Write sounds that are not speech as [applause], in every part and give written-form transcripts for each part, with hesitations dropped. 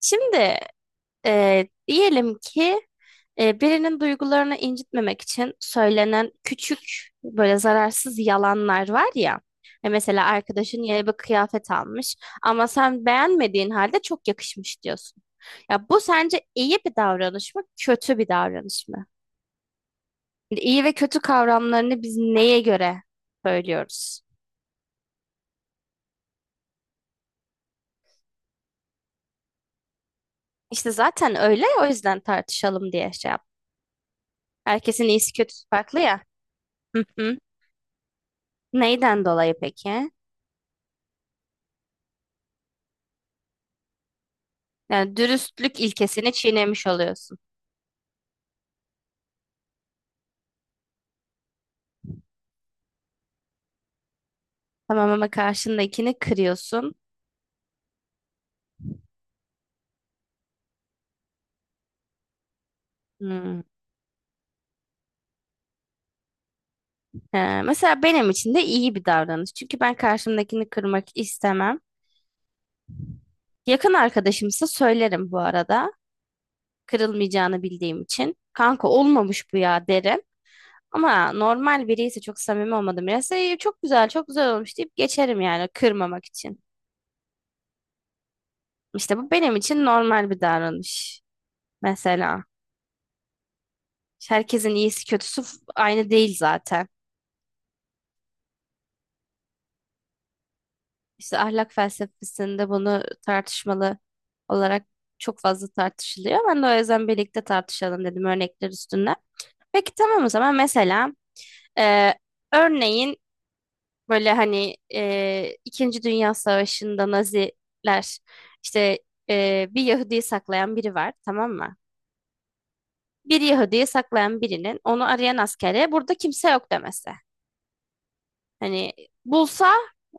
Şimdi diyelim ki birinin duygularını incitmemek için söylenen küçük böyle zararsız yalanlar var ya. Mesela arkadaşın yeni bir kıyafet almış ama sen beğenmediğin halde çok yakışmış diyorsun. Ya bu sence iyi bir davranış mı, kötü bir davranış mı? Şimdi İyi ve kötü kavramlarını biz neye göre söylüyoruz? İşte zaten öyle, o yüzden tartışalım diye şey yap. Herkesin iyisi kötüsü farklı ya. Hı hı. Neyden dolayı peki? Yani dürüstlük ilkesini çiğnemiş oluyorsun. Tamam ama karşındakini kırıyorsun. Hmm. He, mesela benim için de iyi bir davranış. Çünkü ben karşımdakini kırmak istemem. Yakın arkadaşımsa söylerim bu arada. Kırılmayacağını bildiğim için. Kanka olmamış bu ya derim. Ama normal biri ise çok samimi olmadım. Birisi "İyi, çok güzel çok güzel olmuş" deyip geçerim yani kırmamak için. İşte bu benim için normal bir davranış. Mesela herkesin iyisi kötüsü aynı değil zaten. İşte ahlak felsefesinde bunu tartışmalı olarak çok fazla tartışılıyor. Ben de o yüzden birlikte tartışalım dedim örnekler üstünden. Peki tamam, o zaman mesela e, örneğin böyle hani İkinci Dünya Savaşı'nda Naziler işte bir Yahudi'yi saklayan biri var, tamam mı? Bir Yahudi'yi saklayan birinin onu arayan askere burada kimse yok demesi. Hani bulsa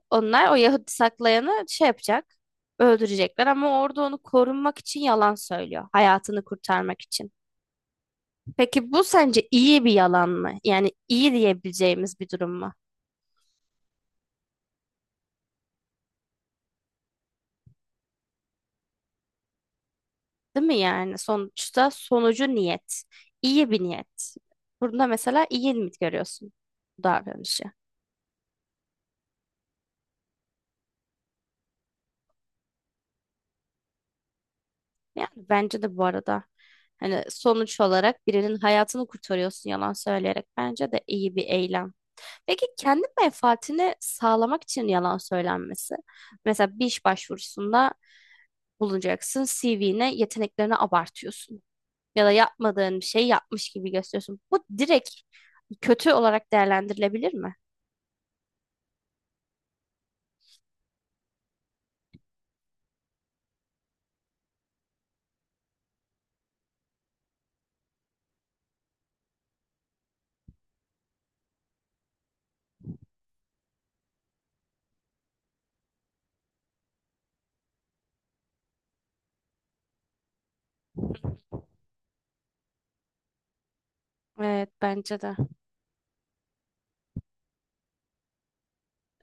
onlar o Yahudi saklayanı şey yapacak. Öldürecekler ama orada onu korunmak için yalan söylüyor. Hayatını kurtarmak için. Peki bu sence iyi bir yalan mı? Yani iyi diyebileceğimiz bir durum mu? Değil mi yani? Sonuçta sonucu niyet. İyi bir niyet. Burada mesela iyi mi görüyorsun bu davranışı? Yani bence de bu arada hani sonuç olarak birinin hayatını kurtarıyorsun yalan söyleyerek. Bence de iyi bir eylem. Peki kendi menfaatini sağlamak için yalan söylenmesi. Mesela bir iş başvurusunda bulunacaksın, CV'ne yeteneklerini abartıyorsun. Ya da yapmadığın bir şey yapmış gibi gösteriyorsun. Bu direkt kötü olarak değerlendirilebilir mi? Evet bence de.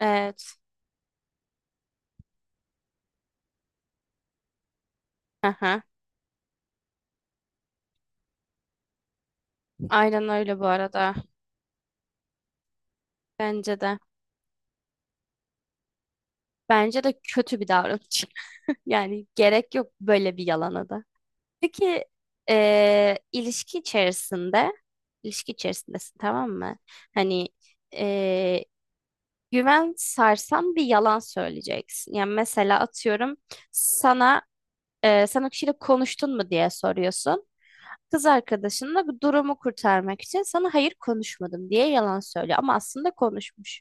Evet. Aha. Aynen öyle bu arada. Bence de. Bence de kötü bir davranış. [laughs] Yani gerek yok böyle bir yalana da. Peki eee, ilişki içerisinde ilişki içerisindesin, tamam mı? Hani eee, güven sarsan bir yalan söyleyeceksin. Yani mesela atıyorum sana sen o kişiyle konuştun mu diye soruyorsun kız arkadaşınla, bu durumu kurtarmak için sana hayır konuşmadım diye yalan söylüyor ama aslında konuşmuş.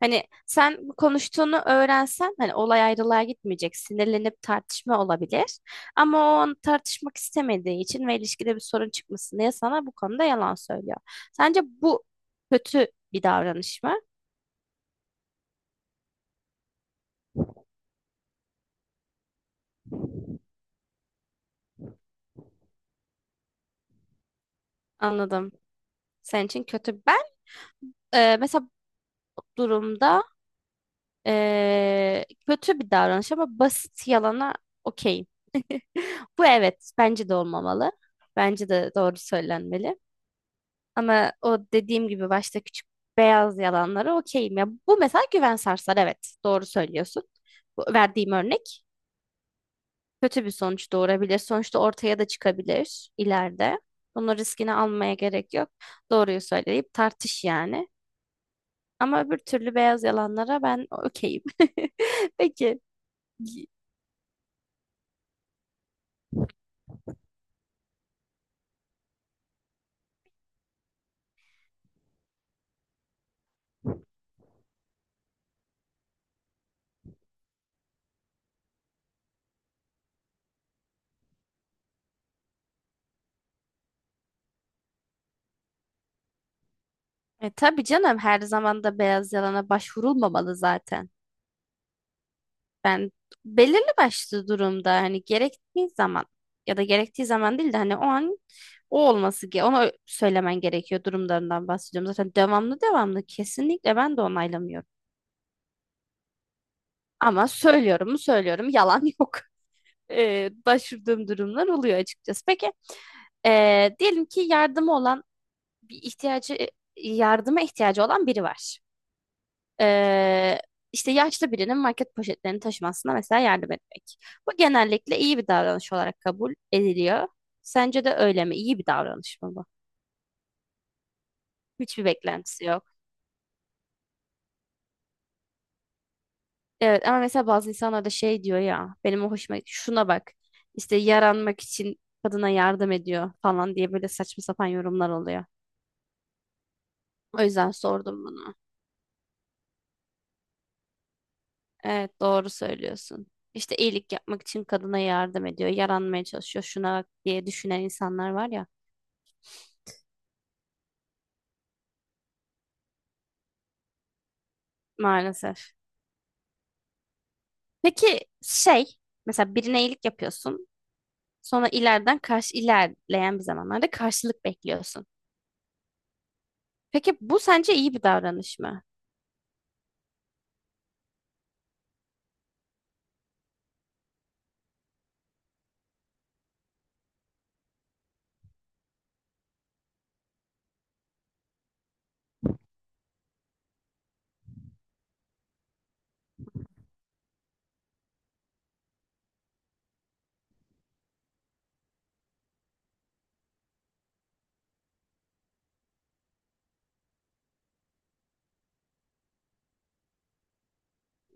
Hani sen bu konuştuğunu öğrensen hani olay ayrılığa gitmeyecek, sinirlenip tartışma olabilir. Ama o an tartışmak istemediği için ve ilişkide bir sorun çıkmasın diye sana bu konuda yalan söylüyor. Sence bu kötü bir davranış mı? Anladım. Senin için kötü. Ben mesela bu durumda kötü bir davranış ama basit yalana okeyim. [laughs] Bu, evet, bence de olmamalı. Bence de doğru söylenmeli. Ama o dediğim gibi başta küçük beyaz yalanlara okeyim. Ya bu mesela güven sarsar, evet doğru söylüyorsun. Bu verdiğim örnek kötü bir sonuç doğurabilir. Sonuçta ortaya da çıkabilir ileride. Bunun riskini almaya gerek yok. Doğruyu söyleyip tartış yani. Ama öbür türlü beyaz yalanlara ben okeyim. [laughs] Peki. Y- tabii canım, her zaman da beyaz yalana başvurulmamalı zaten. Ben belirli başlı durumda hani gerektiği zaman ya da gerektiği zaman değil de hani o an o olması ge ona söylemen gerekiyor durumlarından bahsediyorum. Zaten devamlı devamlı kesinlikle ben de onaylamıyorum. Ama söylüyorum mu söylüyorum, yalan yok. [laughs] Başvurduğum durumlar oluyor açıkçası. Peki diyelim ki yardımı olan bir ihtiyacı yardıma ihtiyacı olan biri var. Ee, işte yaşlı birinin market poşetlerini taşımasına mesela yardım etmek. Bu genellikle iyi bir davranış olarak kabul ediliyor. Sence de öyle mi? İyi bir davranış mı bu? Hiçbir beklentisi yok. Evet ama mesela bazı insanlar da şey diyor ya, benim o hoşuma, şuna bak işte yaranmak için kadına yardım ediyor falan diye böyle saçma sapan yorumlar oluyor. O yüzden sordum bunu. Evet doğru söylüyorsun. İşte iyilik yapmak için kadına yardım ediyor, yaranmaya çalışıyor şuna bak diye düşünen insanlar var ya maalesef. Peki şey, mesela birine iyilik yapıyorsun. Sonra ileriden karşı ilerleyen bir zamanlarda karşılık bekliyorsun. Peki bu sence iyi bir davranış mı?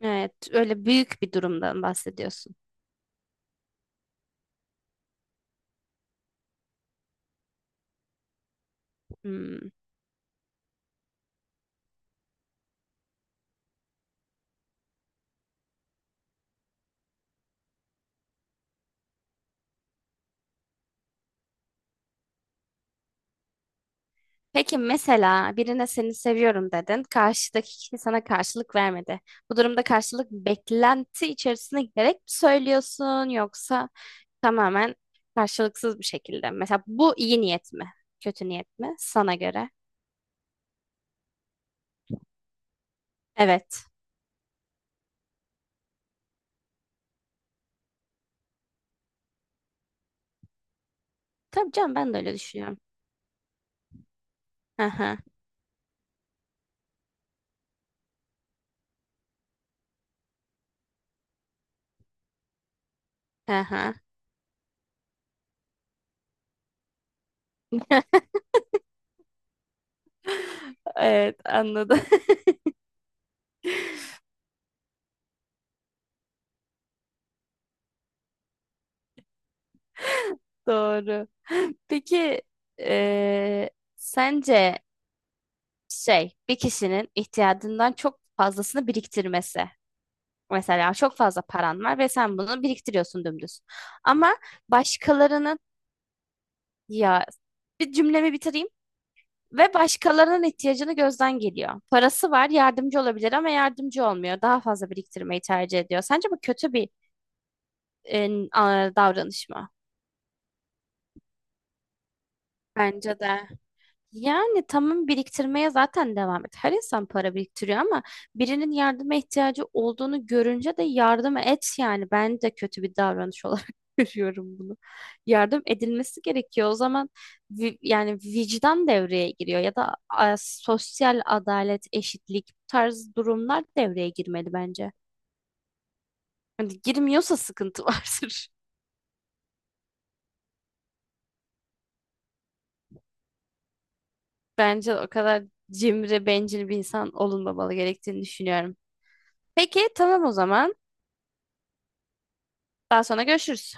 Evet, öyle büyük bir durumdan bahsediyorsun. Hmm. Peki mesela birine seni seviyorum dedin. Karşıdaki kişi sana karşılık vermedi. Bu durumda karşılık beklenti içerisine girerek mi söylüyorsun yoksa tamamen karşılıksız bir şekilde. Mesela bu iyi niyet mi? Kötü niyet mi? Sana göre. Evet. Tabii canım, ben de öyle düşünüyorum. Hı hı. Hı hı. [laughs] Evet anladım. [laughs] Doğru. Peki eee, sence şey, bir kişinin ihtiyacından çok fazlasını biriktirmesi. Mesela çok fazla paran var ve sen bunu biriktiriyorsun dümdüz. Ama başkalarının, ya bir cümlemi bitireyim. Ve başkalarının ihtiyacını gözden geliyor. Parası var, yardımcı olabilir ama yardımcı olmuyor. Daha fazla biriktirmeyi tercih ediyor. Sence bu kötü bir davranış mı? Bence de. Yani tamam, biriktirmeye zaten devam et. Her insan para biriktiriyor ama birinin yardıma ihtiyacı olduğunu görünce de yardım et yani. Ben de kötü bir davranış [laughs] olarak görüyorum bunu. Yardım edilmesi gerekiyor. O zaman yani vicdan devreye giriyor ya da sosyal adalet, eşitlik bu tarz durumlar devreye girmeli bence. Hani girmiyorsa sıkıntı [laughs] vardır. Bence o kadar cimri, bencil bir insan olunmamalı gerektiğini düşünüyorum. Peki tamam o zaman. Daha sonra görüşürüz.